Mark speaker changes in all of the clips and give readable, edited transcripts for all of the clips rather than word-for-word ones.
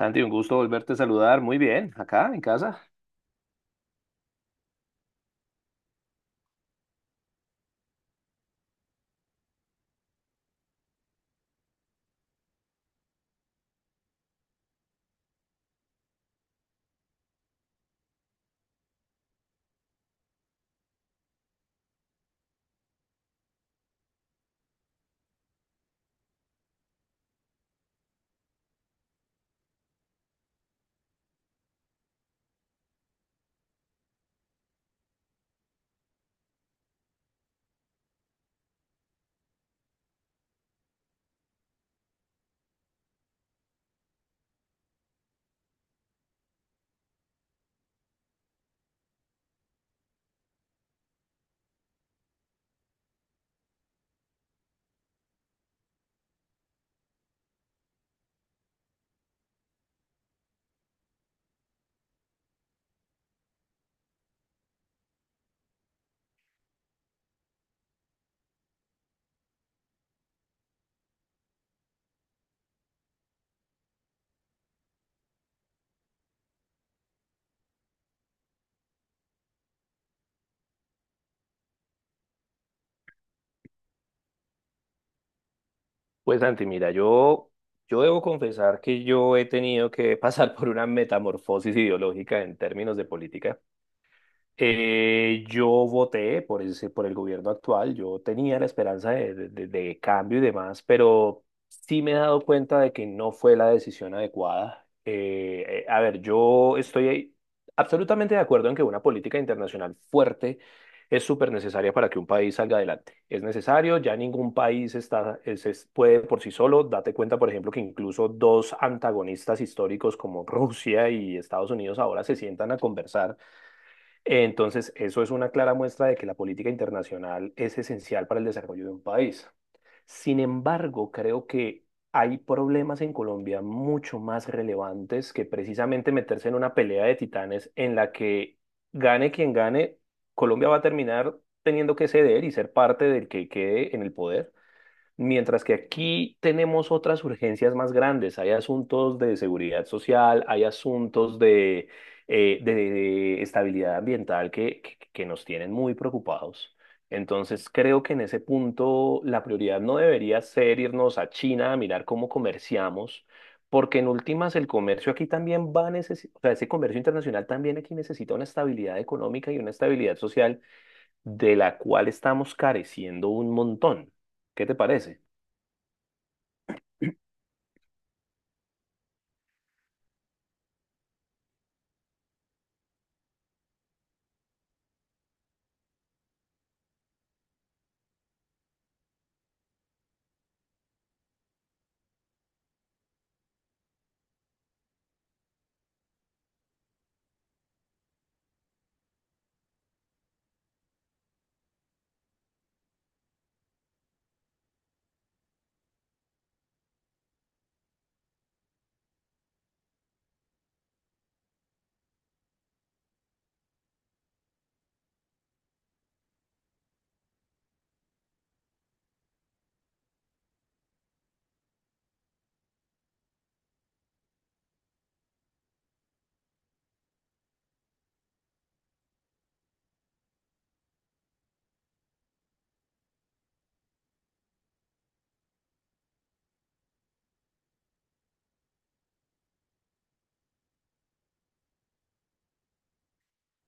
Speaker 1: Santi, un gusto volverte a saludar. Muy bien, acá en casa. Pues Santi, mira, yo debo confesar que yo he tenido que pasar por una metamorfosis ideológica en términos de política. Yo voté por ese, por el gobierno actual, yo tenía la esperanza de cambio y demás, pero sí me he dado cuenta de que no fue la decisión adecuada. A ver, yo estoy absolutamente de acuerdo en que una política internacional fuerte es súper necesaria para que un país salga adelante. Es necesario, ya ningún país está, puede por sí solo. Date cuenta, por ejemplo, que incluso dos antagonistas históricos como Rusia y Estados Unidos ahora se sientan a conversar. Entonces, eso es una clara muestra de que la política internacional es esencial para el desarrollo de un país. Sin embargo, creo que hay problemas en Colombia mucho más relevantes que precisamente meterse en una pelea de titanes en la que gane quien gane, Colombia va a terminar teniendo que ceder y ser parte del que quede en el poder. Mientras que aquí tenemos otras urgencias más grandes, hay asuntos de seguridad social, hay asuntos de estabilidad ambiental que nos tienen muy preocupados. Entonces creo que en ese punto la prioridad no debería ser irnos a China a mirar cómo comerciamos, porque en últimas el comercio aquí también va a necesitar, o sea, ese comercio internacional también aquí necesita una estabilidad económica y una estabilidad social de la cual estamos careciendo un montón. ¿Qué te parece?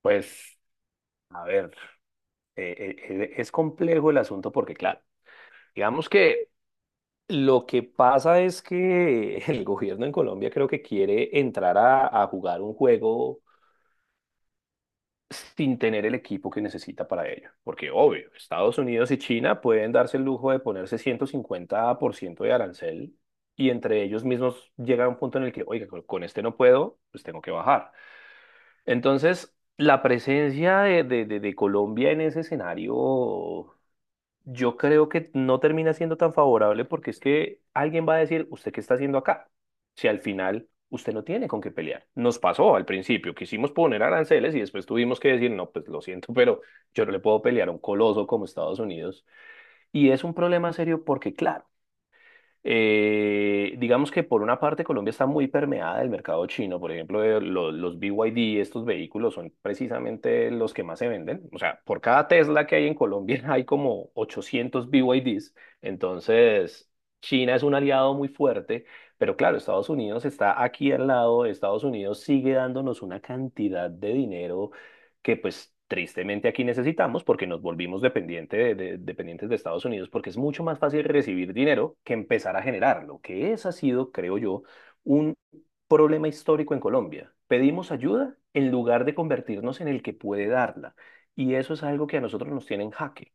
Speaker 1: Pues, a ver, es complejo el asunto porque, claro, digamos que lo que pasa es que el gobierno en Colombia creo que quiere entrar a jugar un juego sin tener el equipo que necesita para ello. Porque, obvio, Estados Unidos y China pueden darse el lujo de ponerse 150% de arancel y entre ellos mismos llega a un punto en el que, oiga, con este no puedo, pues tengo que bajar. Entonces, la presencia de Colombia en ese escenario, yo creo que no termina siendo tan favorable porque es que alguien va a decir, ¿usted qué está haciendo acá? Si al final usted no tiene con qué pelear. Nos pasó al principio, quisimos poner aranceles y después tuvimos que decir, no, pues lo siento, pero yo no le puedo pelear a un coloso como Estados Unidos. Y es un problema serio porque, claro, digamos que por una parte Colombia está muy permeada del mercado chino. Por ejemplo, los BYD, estos vehículos son precisamente los que más se venden. O sea, por cada Tesla que hay en Colombia hay como 800 BYDs. Entonces, China es un aliado muy fuerte. Pero claro, Estados Unidos está aquí al lado. Estados Unidos sigue dándonos una cantidad de dinero que pues tristemente aquí necesitamos porque nos volvimos dependientes de Estados Unidos porque es mucho más fácil recibir dinero que empezar a generarlo, que ese ha sido, creo yo, un problema histórico en Colombia. Pedimos ayuda en lugar de convertirnos en el que puede darla. Y eso es algo que a nosotros nos tiene en jaque.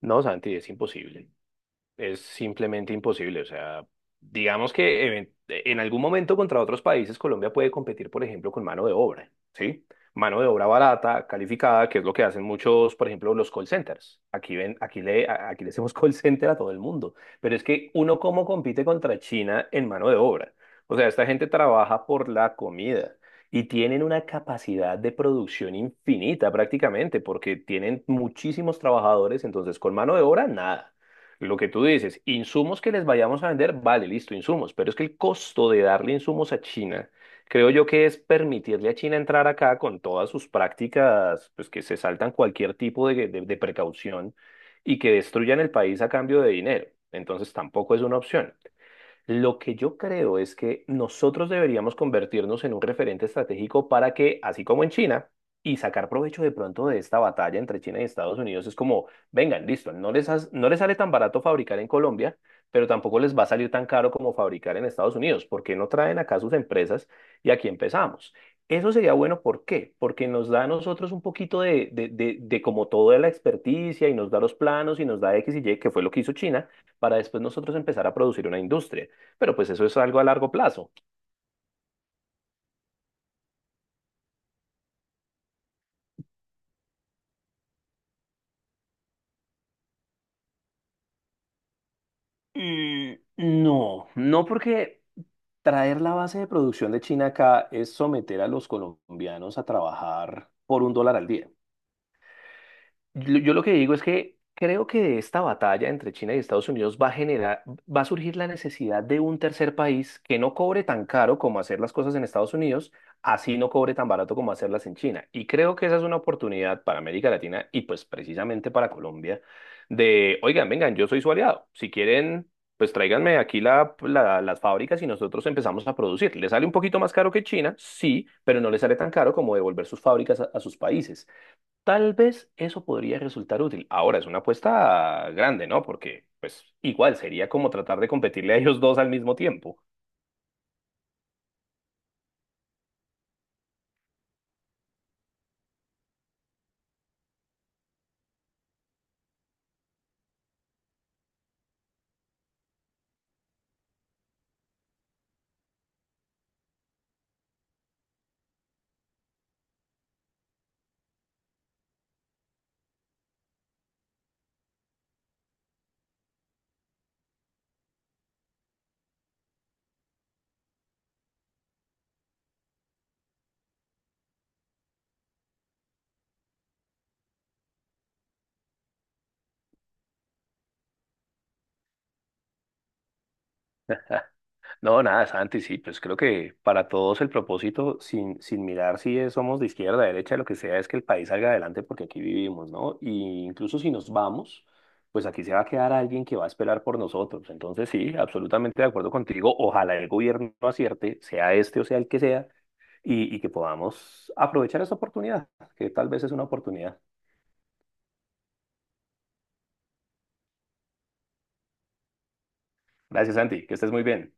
Speaker 1: No, Santi, es imposible, es simplemente imposible. O sea, digamos que en algún momento contra otros países Colombia puede competir, por ejemplo, con mano de obra, ¿sí? Mano de obra barata, calificada, que es lo que hacen muchos, por ejemplo, los call centers. Aquí ven, aquí le hacemos call center a todo el mundo. Pero es que uno cómo compite contra China en mano de obra. O sea, esta gente trabaja por la comida. Y tienen una capacidad de producción infinita prácticamente, porque tienen muchísimos trabajadores, entonces con mano de obra, nada. Lo que tú dices, insumos que les vayamos a vender, vale, listo, insumos, pero es que el costo de darle insumos a China, creo yo que es permitirle a China entrar acá con todas sus prácticas, pues que se saltan cualquier tipo de, de precaución y que destruyan el país a cambio de dinero. Entonces tampoco es una opción. Lo que yo creo es que nosotros deberíamos convertirnos en un referente estratégico para que, así como en China, y sacar provecho de pronto de esta batalla entre China y Estados Unidos, es como, vengan, listo, no les sale tan barato fabricar en Colombia, pero tampoco les va a salir tan caro como fabricar en Estados Unidos. ¿Por qué no traen acá sus empresas y aquí empezamos? Eso sería bueno, ¿por qué? Porque nos da a nosotros un poquito de como toda la experticia y nos da los planos y nos da X y Y, que fue lo que hizo China para después nosotros empezar a producir una industria, pero pues eso es algo a largo plazo. Mm, no, no porque traer la base de producción de China acá es someter a los colombianos a trabajar por un dólar al día. Yo lo que digo es que creo que de esta batalla entre China y Estados Unidos va a generar, va a surgir la necesidad de un tercer país que no cobre tan caro como hacer las cosas en Estados Unidos, así no cobre tan barato como hacerlas en China. Y creo que esa es una oportunidad para América Latina y pues precisamente para Colombia de, oigan, vengan, yo soy su aliado. Si quieren, pues tráiganme aquí las fábricas y nosotros empezamos a producir. Le sale un poquito más caro que China, sí, pero no le sale tan caro como devolver sus fábricas a sus países. Tal vez eso podría resultar útil. Ahora, es una apuesta grande, ¿no? Porque, pues, igual sería como tratar de competirle a ellos dos al mismo tiempo. No, nada, Santi, sí, pues creo que para todos el propósito, sin mirar si somos de izquierda, derecha, lo que sea, es que el país salga adelante porque aquí vivimos, ¿no? Y incluso si nos vamos, pues aquí se va a quedar alguien que va a esperar por nosotros. Entonces, sí, absolutamente de acuerdo contigo. Ojalá el gobierno acierte, sea este o sea el que sea, y que podamos aprovechar esta oportunidad, que tal vez es una oportunidad. Gracias, Santi, que estés muy bien.